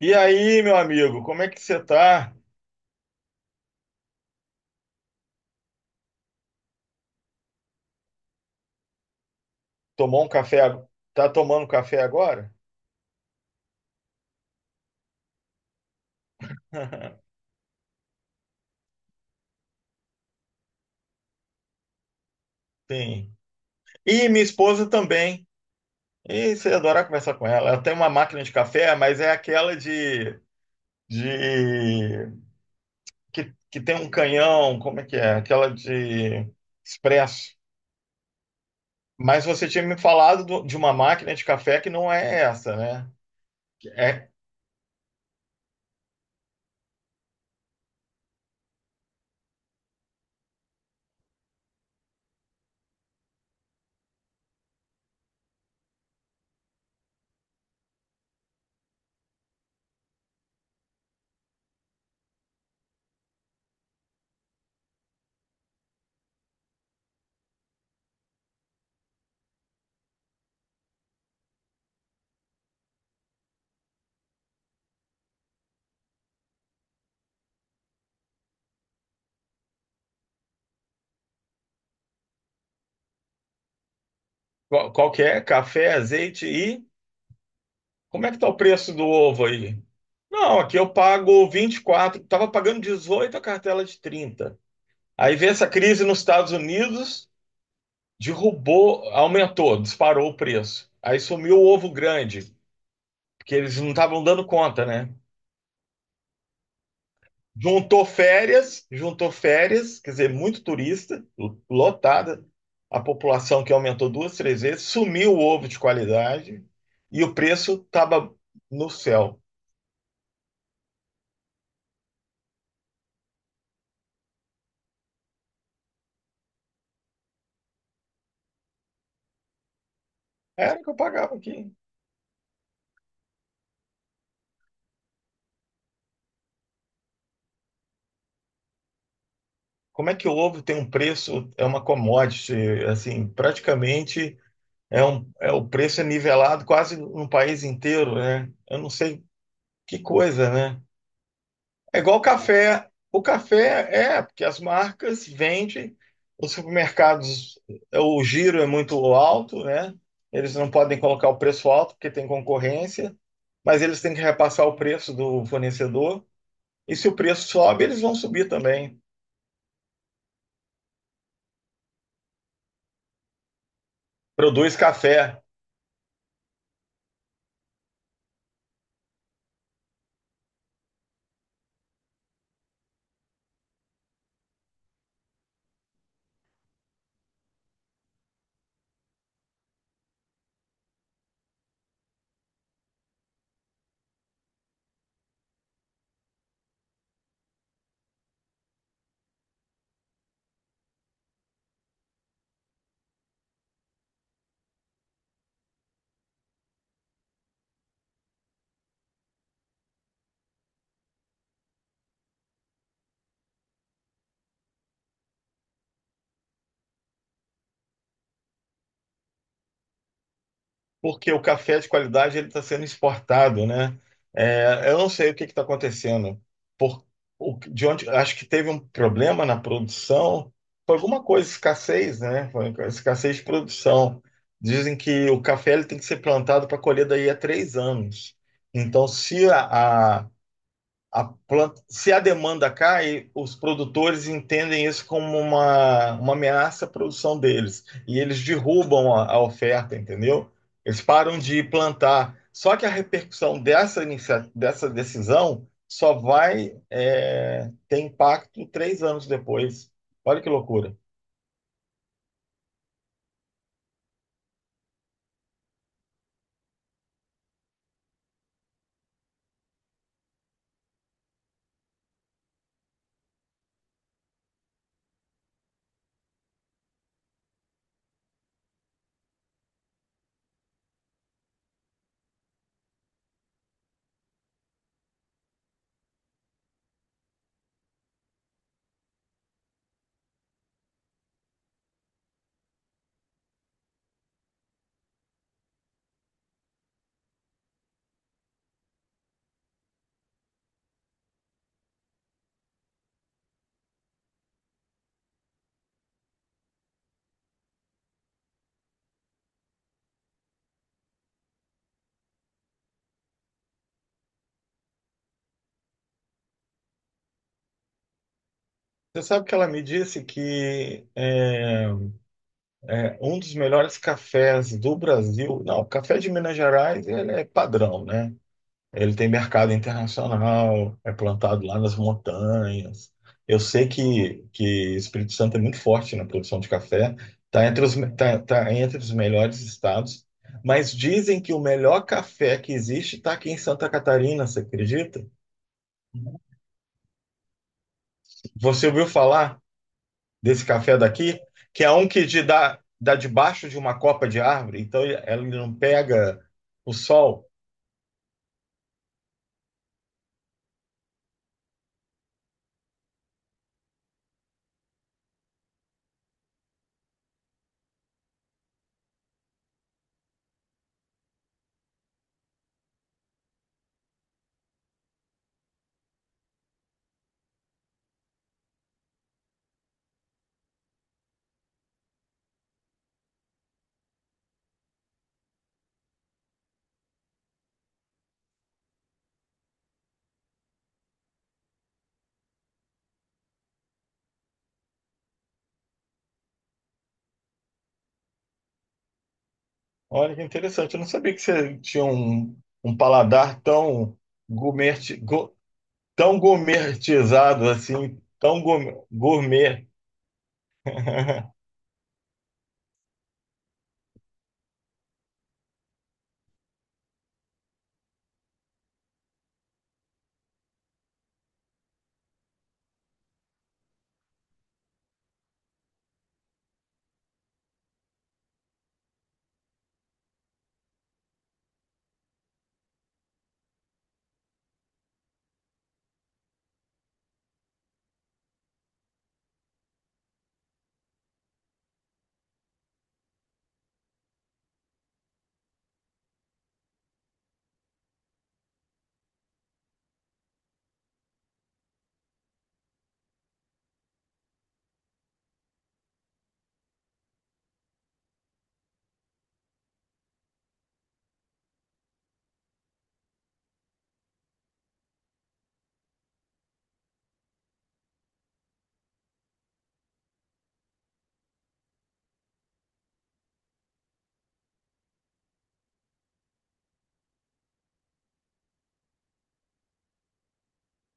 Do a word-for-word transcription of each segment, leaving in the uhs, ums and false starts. E aí, meu amigo, como é que você tá? Tomou um café? ag- Tá tomando café agora? Sim. E minha esposa também. E você ia adorar conversar com ela. Ela tem uma máquina de café, mas é aquela de, de que, que tem um canhão, como é que é? Aquela de expresso. Mas você tinha me falado do- de uma máquina de café que não é essa, né? É qual, qual que é? Café, azeite. Como é que tá o preço do ovo aí? Não, aqui eu pago vinte e quatro. Estava pagando dezoito a cartela de trinta. Aí veio essa crise nos Estados Unidos, derrubou, aumentou, disparou o preço. Aí sumiu o ovo grande, porque eles não estavam dando conta, né? Juntou férias, juntou férias, quer dizer, muito turista, lotada, a população que aumentou duas, três vezes, sumiu o ovo de qualidade e o preço estava no céu. Era o que eu pagava aqui. Como é que o ovo tem um preço, é uma commodity, assim, praticamente é um, é, o preço é nivelado quase no país inteiro, né? Eu não sei que coisa, né? É igual o café. O café é, porque as marcas vendem, os supermercados, é, o giro é muito alto, né? Eles não podem colocar o preço alto porque tem concorrência, mas eles têm que repassar o preço do fornecedor. E se o preço sobe, eles vão subir também. Produz café. Porque o café de qualidade ele está sendo exportado, né? É, eu não sei o que está acontecendo. Por, o- de onde, acho que teve um problema na produção, foi alguma coisa, escassez, né? Foi escassez de produção. Dizem que o café ele tem que ser plantado para colher daí a três anos. Então, se a, a- a planta, se a demanda cai, os produtores entendem isso como uma, uma ameaça à produção deles e eles derrubam a, a oferta, entendeu? Eles param de plantar. Só que a repercussão dessa, inicia- dessa decisão só vai é, ter impacto três anos depois. Olha que loucura. Você sabe que ela me disse que é, é, um dos melhores cafés do Brasil, não, o café de Minas Gerais ele é padrão, né? Ele tem mercado internacional, é plantado lá nas montanhas. Eu sei que, que Espírito Santo é muito forte na produção de café, está entre os, me- tá, tá entre os melhores estados, mas dizem que o melhor café que existe está aqui em Santa Catarina, você acredita? Você ouviu falar desse café daqui? Que é um que de dá, dá debaixo de uma copa de árvore, então ele ele não pega o sol. Olha que interessante. Eu não sabia que você tinha um, um paladar tão gourmet, go- tão gourmetizado assim, tão gourmet. Gourmet.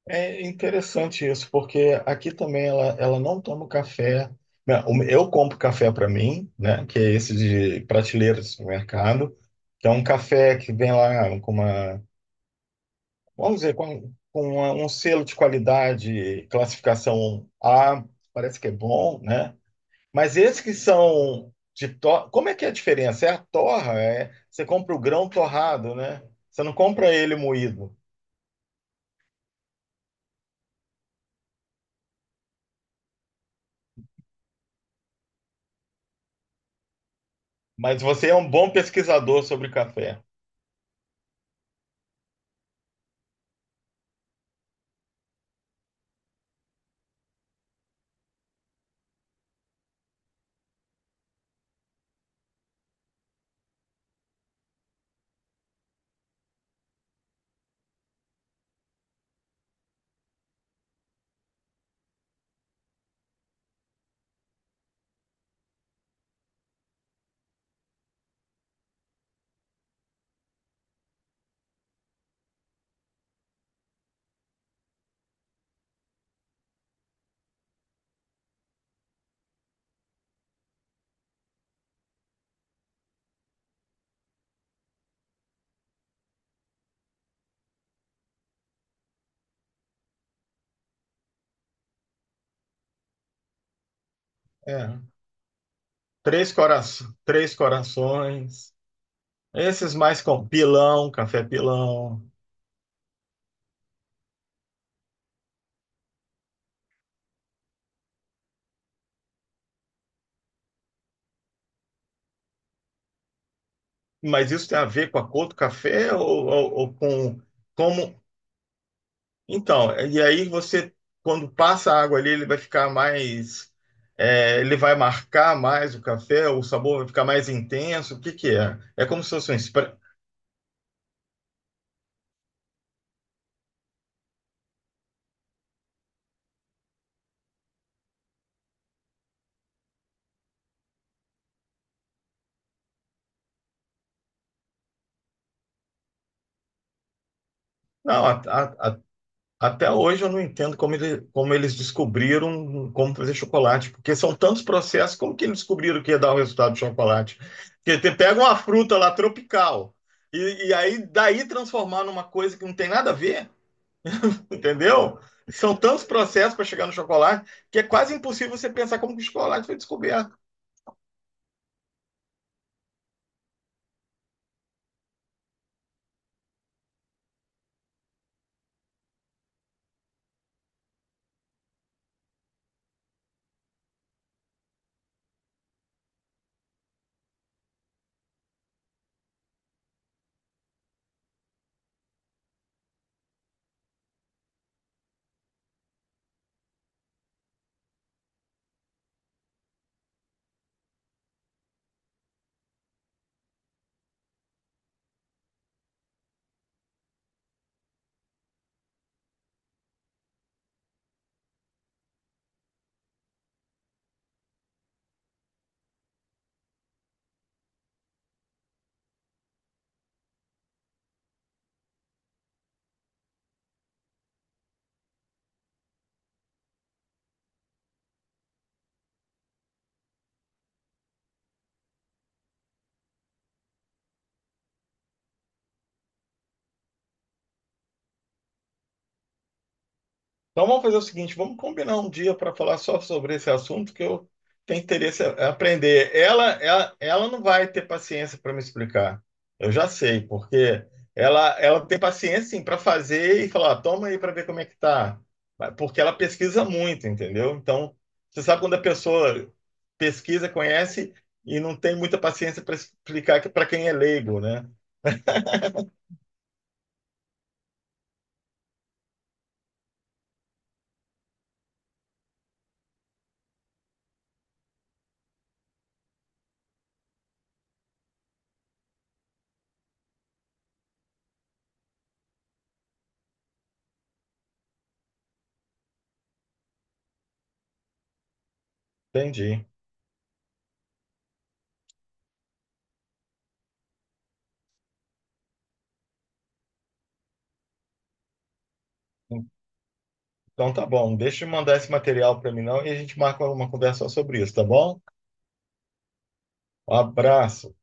É interessante isso, porque aqui também ela, ela não toma café. Não, o- eu compro café para mim, né? Que é esse de prateleira do supermercado, que é um café que vem lá com uma, vamos dizer, com, com uma- um selo de qualidade, classificação A, parece que é bom, né? Mas esses que são de torra, como é que é a diferença? É a torra, é você compra o grão torrado, né? Você não compra ele moído. Mas você é um bom pesquisador sobre café. É. Três, cora... três corações. Esses mais com pilão, café pilão. Mas isso tem a ver com a cor do café ou, ou- ou com como. Então, e aí você, quando passa a água ali, ele vai ficar mais, é, ele vai marcar mais o café, o sabor vai ficar mais intenso. O que que é? É como se fosse um spray. Não, a- a- a- até hoje eu não entendo como, ele- como eles descobriram como fazer chocolate, porque são tantos processos, como que eles descobriram que ia dar o resultado do chocolate? Porque você pega uma fruta lá tropical e, e aí daí transformar numa coisa que não tem nada a ver, entendeu? São tantos processos para chegar no chocolate que é quase impossível você pensar como que o chocolate foi descoberto. Então vamos fazer o seguinte, vamos combinar um dia para falar só sobre esse assunto que eu tenho interesse em aprender. Ela, ela, ela não vai ter paciência para me explicar. Eu já sei, porque ela, ela tem paciência sim para fazer e falar, "Ah, toma aí para ver como é que tá." Mas porque ela pesquisa muito, entendeu? Então, você sabe quando a pessoa pesquisa, conhece e não tem muita paciência para explicar para quem é leigo, né? Entendi. Então tá bom, deixa eu mandar esse material para mim não e a gente marca uma conversa só sobre isso, tá bom? Um abraço.